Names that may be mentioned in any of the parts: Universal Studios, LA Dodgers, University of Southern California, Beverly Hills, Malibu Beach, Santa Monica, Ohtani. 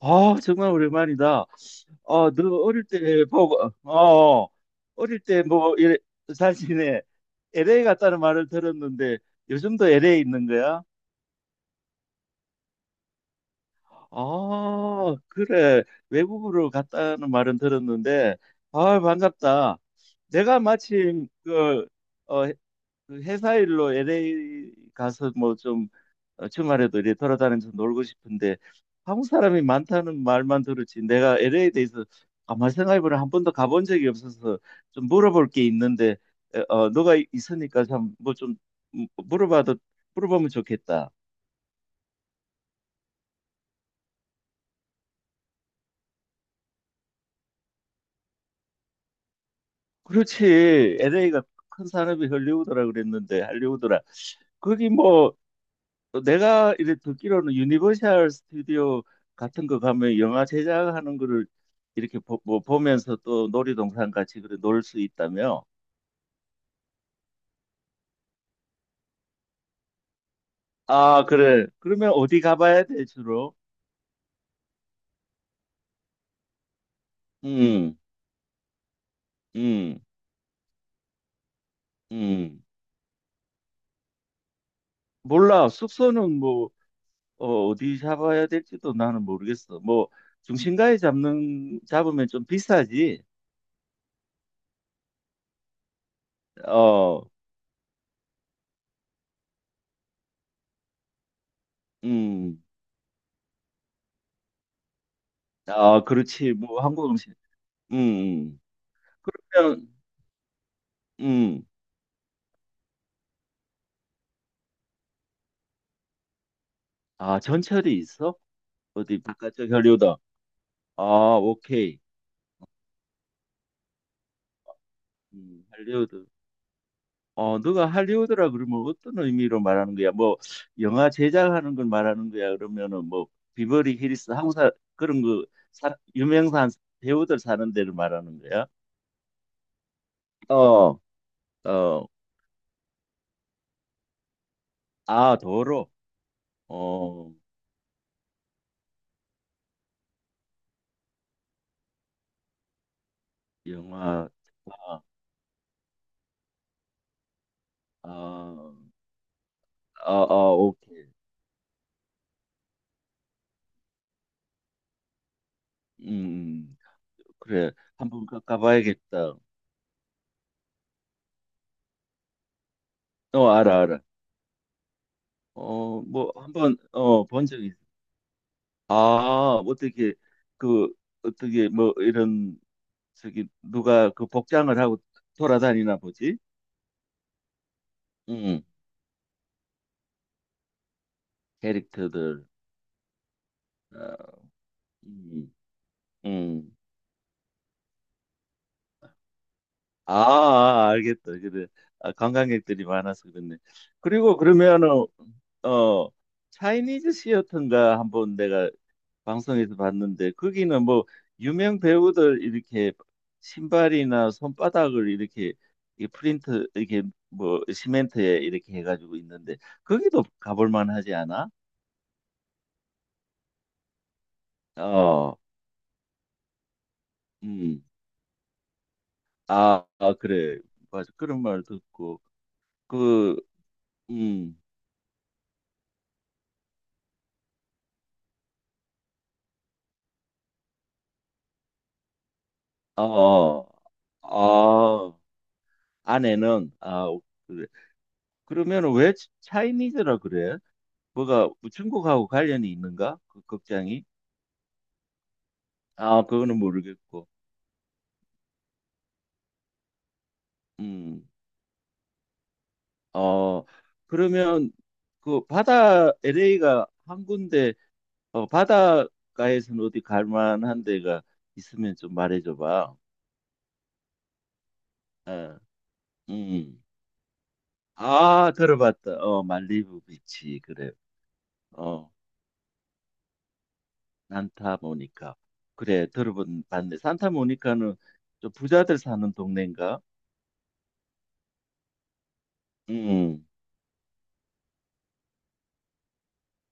아, 정말 오랜만이다. 아, 너 어릴 때 보고, 어릴 때 뭐, 이래, 사진에 LA 갔다는 말을 들었는데 요즘도 LA 있는 거야? 아, 그래. 외국으로 갔다는 말은 들었는데, 아, 반갑다. 내가 마침 어, 해- 그 회사 일로 LA 가서 뭐좀 주말에도 이렇게 돌아다니면서 놀고 싶은데 한국 사람이 많다는 말만 들었지 내가 LA에 대해서 아마 생각해보면 한 번도 가본 적이 없어서 좀 물어볼 게 있는데 너가 있으니까 참 뭐 좀 물어봐도 물어보면 좋겠다. 그렇지, LA가 큰 산업이 할리우드라 그랬는데 할리우드라 거기 뭐 내가 이렇게 듣기로는 유니버셜 스튜디오 같은 거 가면 영화 제작하는 거를 이렇게 뭐 보면서 또 놀이동산 같이 그래 놀 수 있다며? 아, 그래. 그러면 어디 가봐야 돼, 주로? 음, 음, 음. 몰라. 숙소는 뭐, 어디 잡아야 될지도 나는 모르겠어. 뭐, 중심가에 잡으면 좀 비싸지. 어, 음. 아, 그렇지. 뭐, 한국 음식. 음, 음. 그러면, 음. 아, 전철이 있어? 어디 바깥쪽 할리우드. 아, 오케이. 할리우드. 어, 너가 할리우드라 그러면 어떤 의미로 말하는 거야? 뭐 영화 제작하는 걸 말하는 거야? 그러면은 뭐 비버리 hills 항사 그런 거 유명한 배우들 사는 데를 말하는 거야? 어, 어. 아, 도로. 어. 영화. 아, 아, 아, 아, 오케이. 음, 음. 그래. 한번 가봐야겠다. 어, 알아, 알아. 어, 뭐 한번 본 적이 있어. 아, 그 어떻게 뭐 이런, 저기 누가 그 복장을 하고 돌아다니나 보지? 응. 캐릭터들. 어, 음, 음. 아, 아, 알겠다. 그래. 아, 관광객들이 많아서 그렇네. 그리고 그러면은 어 차이니즈 시어터인가 한번 내가 방송에서 봤는데, 거기는 뭐 유명 배우들 이렇게 신발이나 손바닥을 이렇게, 이 프린트 이렇게 뭐 시멘트에 이렇게 해가지고 있는데 거기도 가볼 만하지 않아? 어, 음. 아, 아, 그래. 맞아, 그런 말 듣고, 그, 음, 아, 어, 아, 아내는, 아, 그래. 그러면 왜 차이니즈라 그래? 뭐가 중국하고 관련이 있는가, 그 극장이? 아, 그거는 모르겠고. 음, 어, 그러면, 그 바다, LA가 한 군데, 바닷가에서는 어디 갈 만한 데가 있으면 좀 말해줘 봐. 어, 음. 아, 들어봤다. 어, 말리부 비치. 그래. 어, 산타모니카. 그래, 들어본 봤네. 산타모니카는 좀 부자들 사는 동네인가? 음.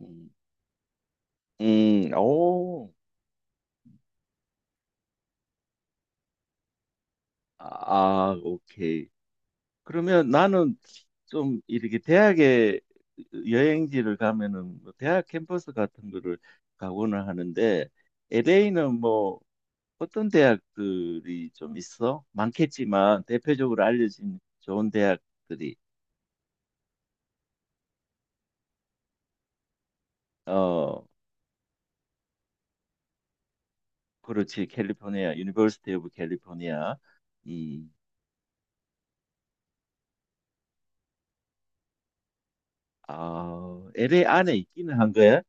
음. 음. 오. 아, 아, 오케이. 그러면 나는 좀 이렇게 대학에, 여행지를 가면은 뭐 대학 캠퍼스 같은 거를 가고는 하는데, LA는 뭐 어떤 대학들이 좀 있어? 많겠지만 대표적으로 알려진 좋은 대학들이. 어 그렇지, 캘리포니아, 유니버시티 오브 캘리포니아. 이 아, LA 안에 있기는 한 거야?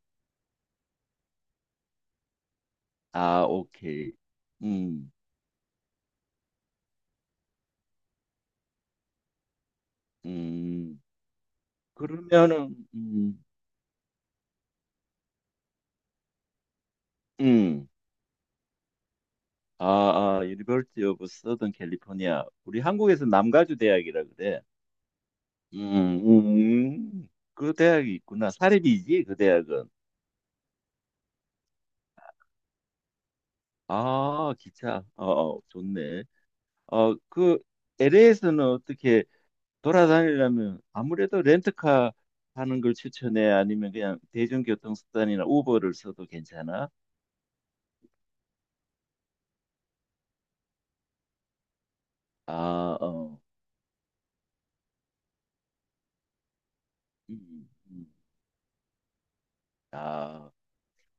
아, 오케이. 음, 음. 그러면은, 음. 아, 아, 유니버시티 오브 서던 캘리포니아. 우리 한국에서 남가주 대학이라 그래. 그 대학이 있구나. 사립이지, 그 대학은. 아, 기차. 어, 어, 좋네. 그 LA에서는 어떻게, 돌아다니려면 아무래도 렌트카 하는 걸 추천해? 아니면 그냥 대중교통 수단이나 우버를 써도 괜찮아? 아, 어. 음, 음. 아,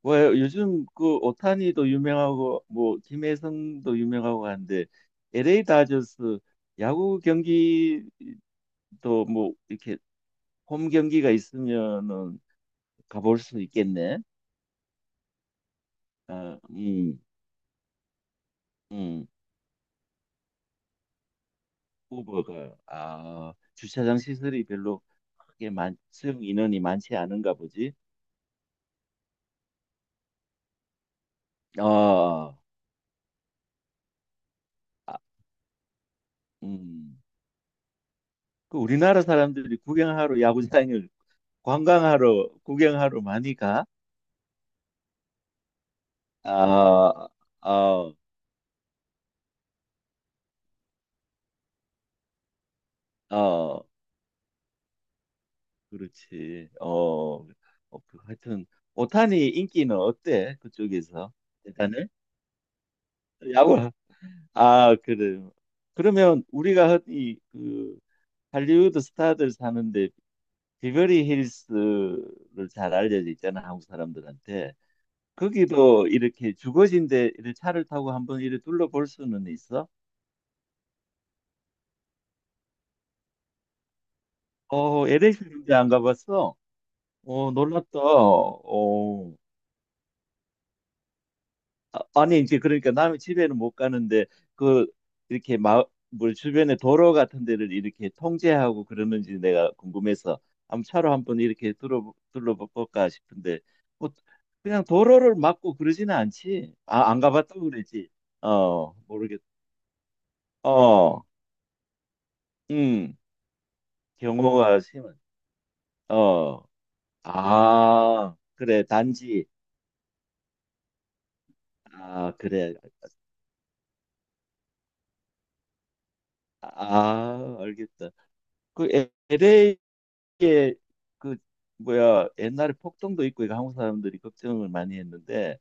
뭐 요즘 그 오타니도 유명하고 뭐 김혜성도 유명하고 한데, LA 다저스 야구 경기도 뭐 이렇게 홈 경기가 있으면은 가볼 수 있겠네. 어, 음. 우버가, 아, 주차장 시설이 별로 크게 수용 인원이 많지 않은가 보지. 어, 아, 음. 그 우리나라 사람들이 구경하러 야구장을 관광하러 구경하러 많이 가. 아, 아, 어, 그렇지. 그, 하여튼 오타니 인기는 어때, 그쪽에서? 대단해? 야구. 아, 그래. 그러면 우리가 흔히 그 할리우드 스타들 사는데, 비버리 힐스를 잘 알려져 있잖아, 한국 사람들한테. 거기도 이렇게 주거지인데 이렇게 차를 타고 한번 이렇게 둘러볼 수는 있어? LA 시리즈 안 가봤어? 어, 놀랐다. 어. 아, 아니 이제 그러니까 남의 집에는 못 가는데, 그 이렇게 마을 주변에 도로 같은 데를 이렇게 통제하고 그러는지 내가 궁금해서, 한번 차로 한번 이렇게 둘러볼까 싶은데, 뭐 그냥 도로를 막고 그러지는 않지. 아, 안 가봤다고 그랬지. 어, 모르겠. 어, 음. 경호가 심한. 어, 아, 그래, 단지. 아, 그래. 아, 알겠다. 그 LA, 이게, 그 뭐야, 옛날에 폭동도 있고 이거 한국 사람들이 걱정을 많이 했는데,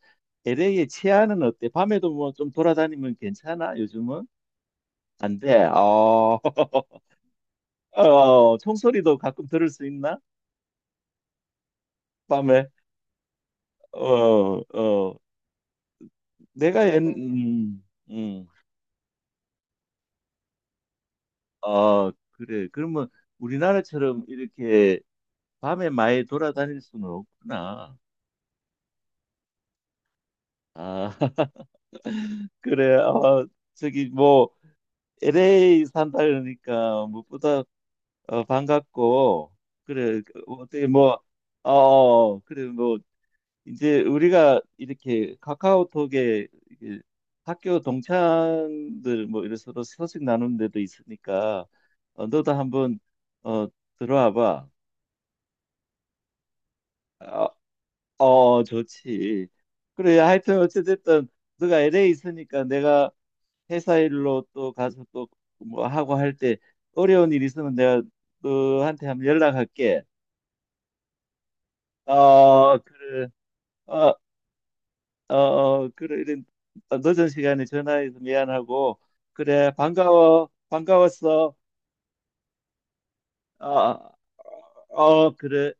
LA의 치안은 어때? 밤에도 뭐 좀 돌아다니면 괜찮아, 요즘은? 안 돼. 어, 어, 총소리도 가끔 들을 수 있나? 밤에. 어, 어. 내가 음, 어, 그래. 그러면 우리나라처럼 이렇게 밤에 많이 돌아다닐 수는 없구나. 아, 그래. 어, 저기 뭐 LA 산다 그러니까 무엇보다 반갑고, 그래. 어떻게 뭐, 그래. 뭐, 이제 우리가 이렇게 카카오톡에 이게 학교 동창들 뭐 이래 서로 소식 나누는 데도 있으니까, 너도 한번, 어, 들어와 봐. 어, 어, 좋지. 그래, 하여튼 어찌됐든, 너가 LA 있으니까 내가 회사 일로 또 가서 또 뭐 하고 할 때 어려운 일 있으면 내가 너한테 한번 연락할게. 어, 그래. 어, 어, 어, 그래, 이런, 늦은 시간에 전화해서 미안하고, 그래, 반가워, 반가웠어. 어, 어, 그래.